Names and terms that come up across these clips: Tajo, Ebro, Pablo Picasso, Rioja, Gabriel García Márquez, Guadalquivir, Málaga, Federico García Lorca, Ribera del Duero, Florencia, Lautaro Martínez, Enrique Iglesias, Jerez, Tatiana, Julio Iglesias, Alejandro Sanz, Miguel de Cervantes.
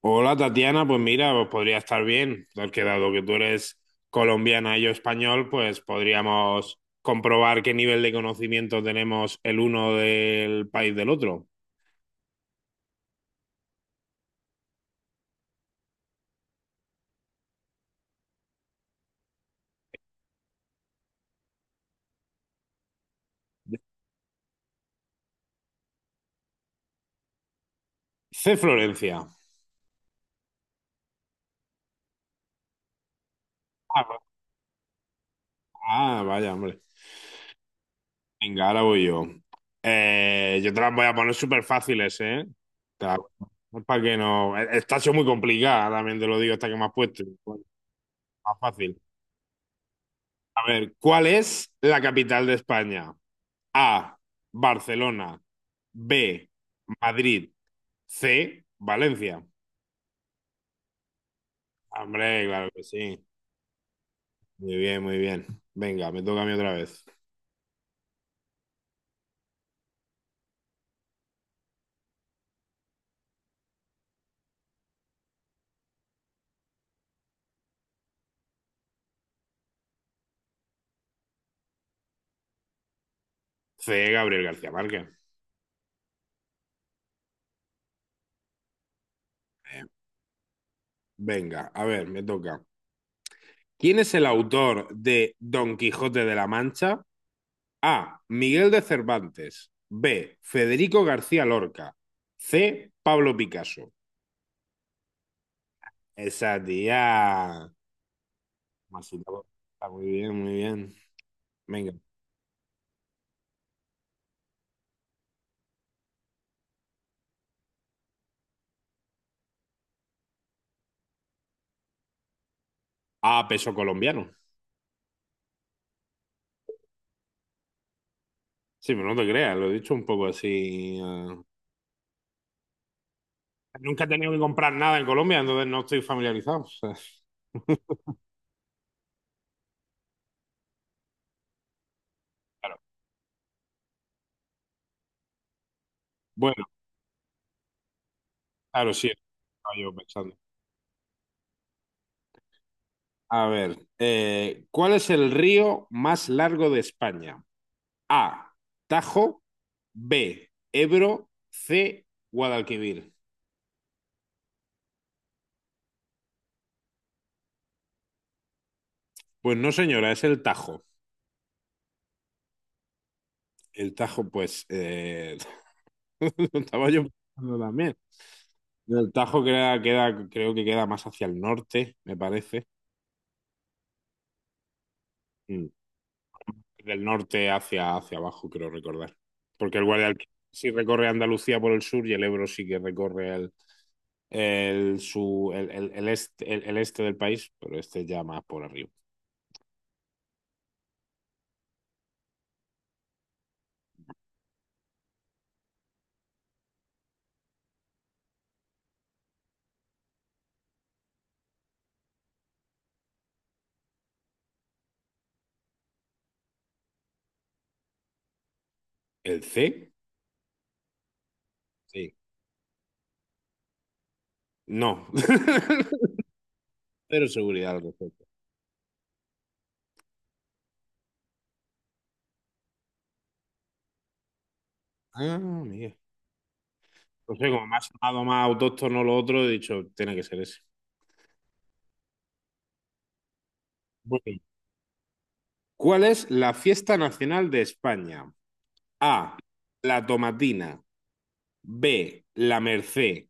Hola Tatiana, pues mira, pues podría estar bien, porque dado que tú eres colombiana y yo español, pues podríamos comprobar qué nivel de conocimiento tenemos el uno del país del otro. C, Florencia. Ah, va- ah, vaya, hombre. Venga, ahora voy yo. Yo te las voy a poner súper fáciles, ¿eh? Para que no... esta ha sido muy complicada, también te lo digo, esta que me has puesto. Bueno, más fácil. A ver, ¿cuál es la capital de España? A, Barcelona, B, Madrid, C, Valencia. Hombre, claro que sí. Muy bien, muy bien. Venga, me toca a mí otra vez. C, Gabriel García Márquez. Eh, Venga, a ver, me toca. ¿Quién es el autor de Don Quijote de la Mancha? A, Miguel de Cervantes. B, Federico García Lorca. C, Pablo Picasso. Esa tía. Masita, está muy bien, muy bien. Venga. A, peso colombiano. Sí, pero no te creas, lo he dicho un poco así. Nunca he tenido que comprar nada en Colombia, entonces no estoy familiarizado. O sea, claro. Bueno, claro, sí, estaba yo pensando. A ver, ¿cuál es el río más largo de España? A, Tajo, B, Ebro, C, Guadalquivir. Pues no, señora, es el Tajo. El Tajo, pues, lo estaba yo pensando también. El Tajo queda, creo que queda más hacia el norte, me parece. Mm. Del norte hacia, hacia abajo, creo recordar. Porque el Guadalquivir sí recorre Andalucía por el sur y el Ebro sí que recorre el este, el este del país, pero este ya más por arriba. ¿El C? Sí. No. Pero seguridad al respecto. Ah, mira. No sé, como me ha sonado más autóctono lo otro, he dicho, tiene que ser ese. Bueno, ¿cuál es la fiesta nacional de España? A, la tomatina. B, la Merced.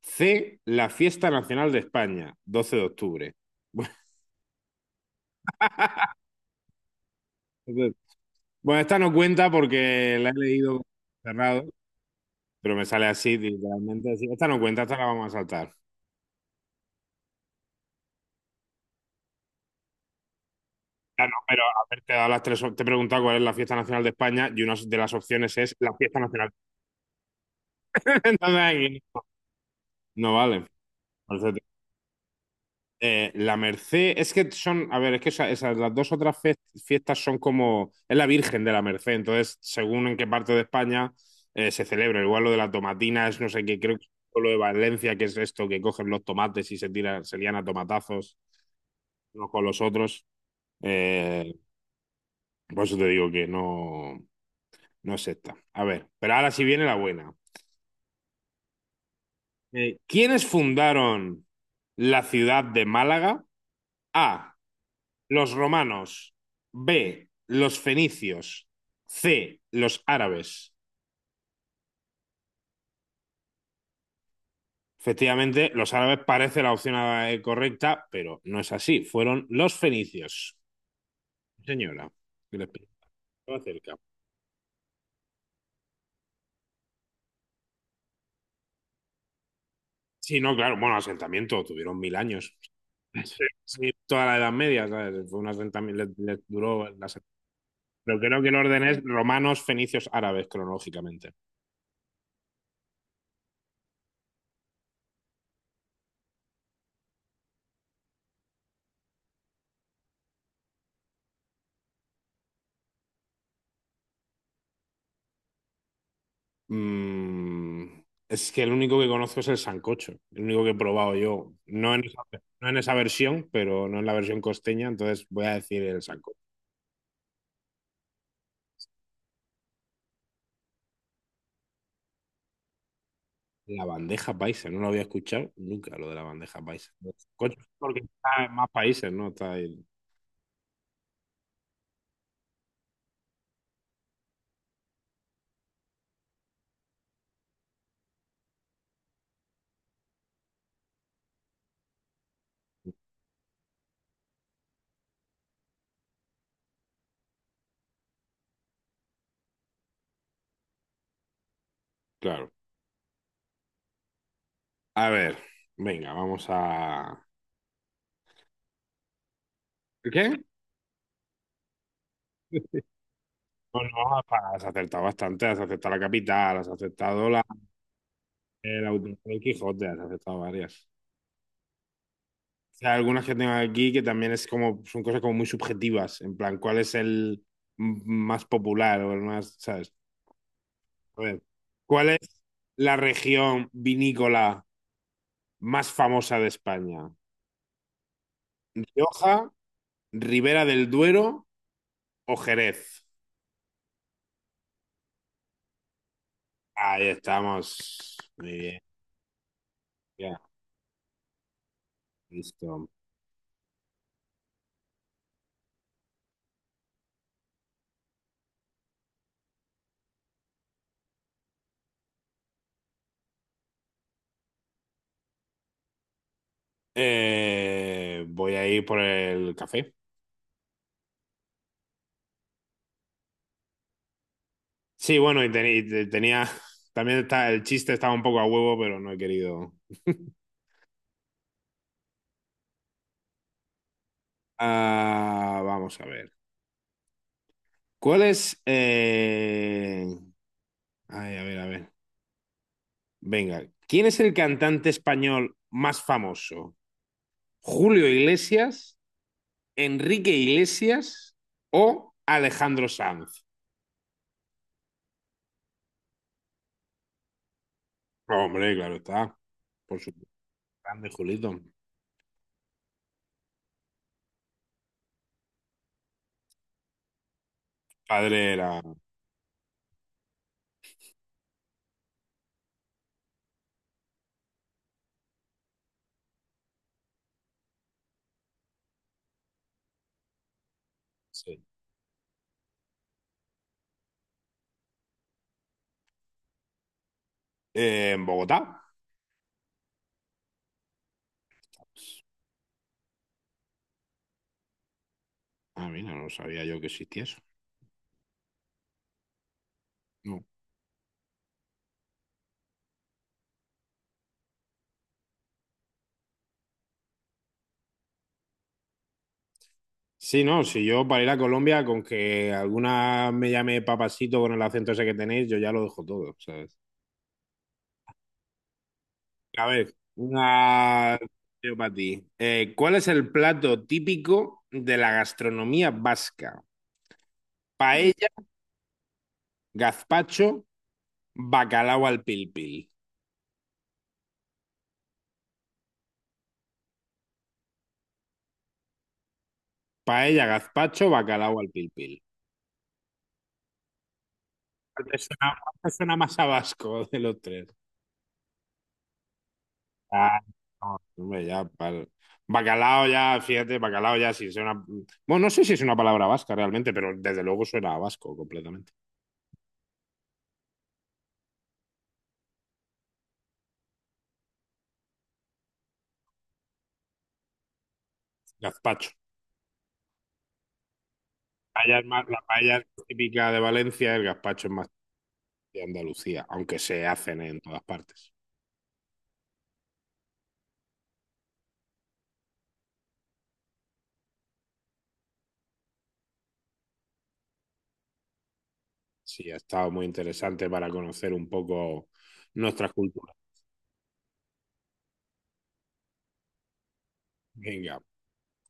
C, la Fiesta Nacional de España, 12 de octubre. Bueno, esta no cuenta porque la he leído cerrado, pero me sale así, literalmente así. Esta no cuenta, esta la vamos a saltar. Ah, no, pero a ver, te he dado las tres, te he preguntado cuál es la Fiesta Nacional de España y una de las opciones es la Fiesta Nacional. Entonces ahí no vale. Por eso la Merced, es que son, a ver, es que esas las dos otras fiestas son como, es la Virgen de la Merced, entonces, según en qué parte de España se celebra, igual lo de la tomatina es no sé qué, creo que es lo de Valencia, que es esto, que cogen los tomates y se tiran, se lían a tomatazos unos con los otros. Eh, por eso te digo que no, no es esta. A ver, pero ahora sí viene la buena. ¿Quiénes fundaron la ciudad de Málaga? A, los romanos. B, los fenicios. C, los árabes. Efectivamente, los árabes parece la opción correcta, pero no es así. Fueron los fenicios. Sí, señora, que les pido acerca. Sí, no, claro, bueno, asentamiento, tuvieron 1000 años. Sí, sí, toda la Edad Media, ¿sabes? Fue un asentamiento, les duró. Pero creo que el orden es romanos, fenicios, árabes, cronológicamente. Mm, es que el único que conozco es el sancocho, el único que he probado yo. No en esa versión, pero no en la versión costeña, entonces voy a decir el sancocho. La bandeja paisa, no lo había escuchado nunca lo de la bandeja paisa. El sancocho es porque está en más países, ¿no? Está ahí. Claro. A ver, venga, vamos a. ¿Qué? Bueno, has acertado bastante, has acertado la capital, has acertado la, el autor del Quijote, has acertado varias. Sea, algunas que tengo aquí que también es como, son cosas como muy subjetivas, en plan, ¿cuál es el más popular o el más, ¿sabes? A ver, ¿cuál es la región vinícola más famosa de España? ¿Rioja, Ribera del Duero o Jerez? Ahí estamos. Muy bien, ya, listo. Voy a ir por el café. Sí, bueno, y, tenía, también está, el chiste estaba un poco a huevo, pero no he querido. Ah, vamos a ver. ¿Cuál es? Ay, a ver, a ver. Venga, ¿quién es el cantante español más famoso? ¿Julio Iglesias, Enrique Iglesias o Alejandro Sanz? Hombre, claro está. Por supuesto, grande Julito. Padre era, sí. En Bogotá. Ah, mira, no sabía yo que existía eso. Sí, no, si yo para ir a Colombia, con que alguna me llame papasito con el acento ese que tenéis, yo ya lo dejo todo, ¿sabes? A ver, una yo para ti. ¿Cuál es el plato típico de la gastronomía vasca? Paella, gazpacho, bacalao al pil pil. Paella, gazpacho, bacalao al pil pil. Cuál te suena más a vasco de los tres? Ah, no, hombre, ya, pal. Bacalao ya, fíjate, bacalao ya, si es una... Bueno, no sé si es una palabra vasca realmente, pero desde luego suena a vasco completamente. Gazpacho. Paella es más- la paella es típica de Valencia, el gazpacho es más de Andalucía, aunque se hacen en todas partes. Sí, ha estado muy interesante para conocer un poco nuestras culturas. Venga.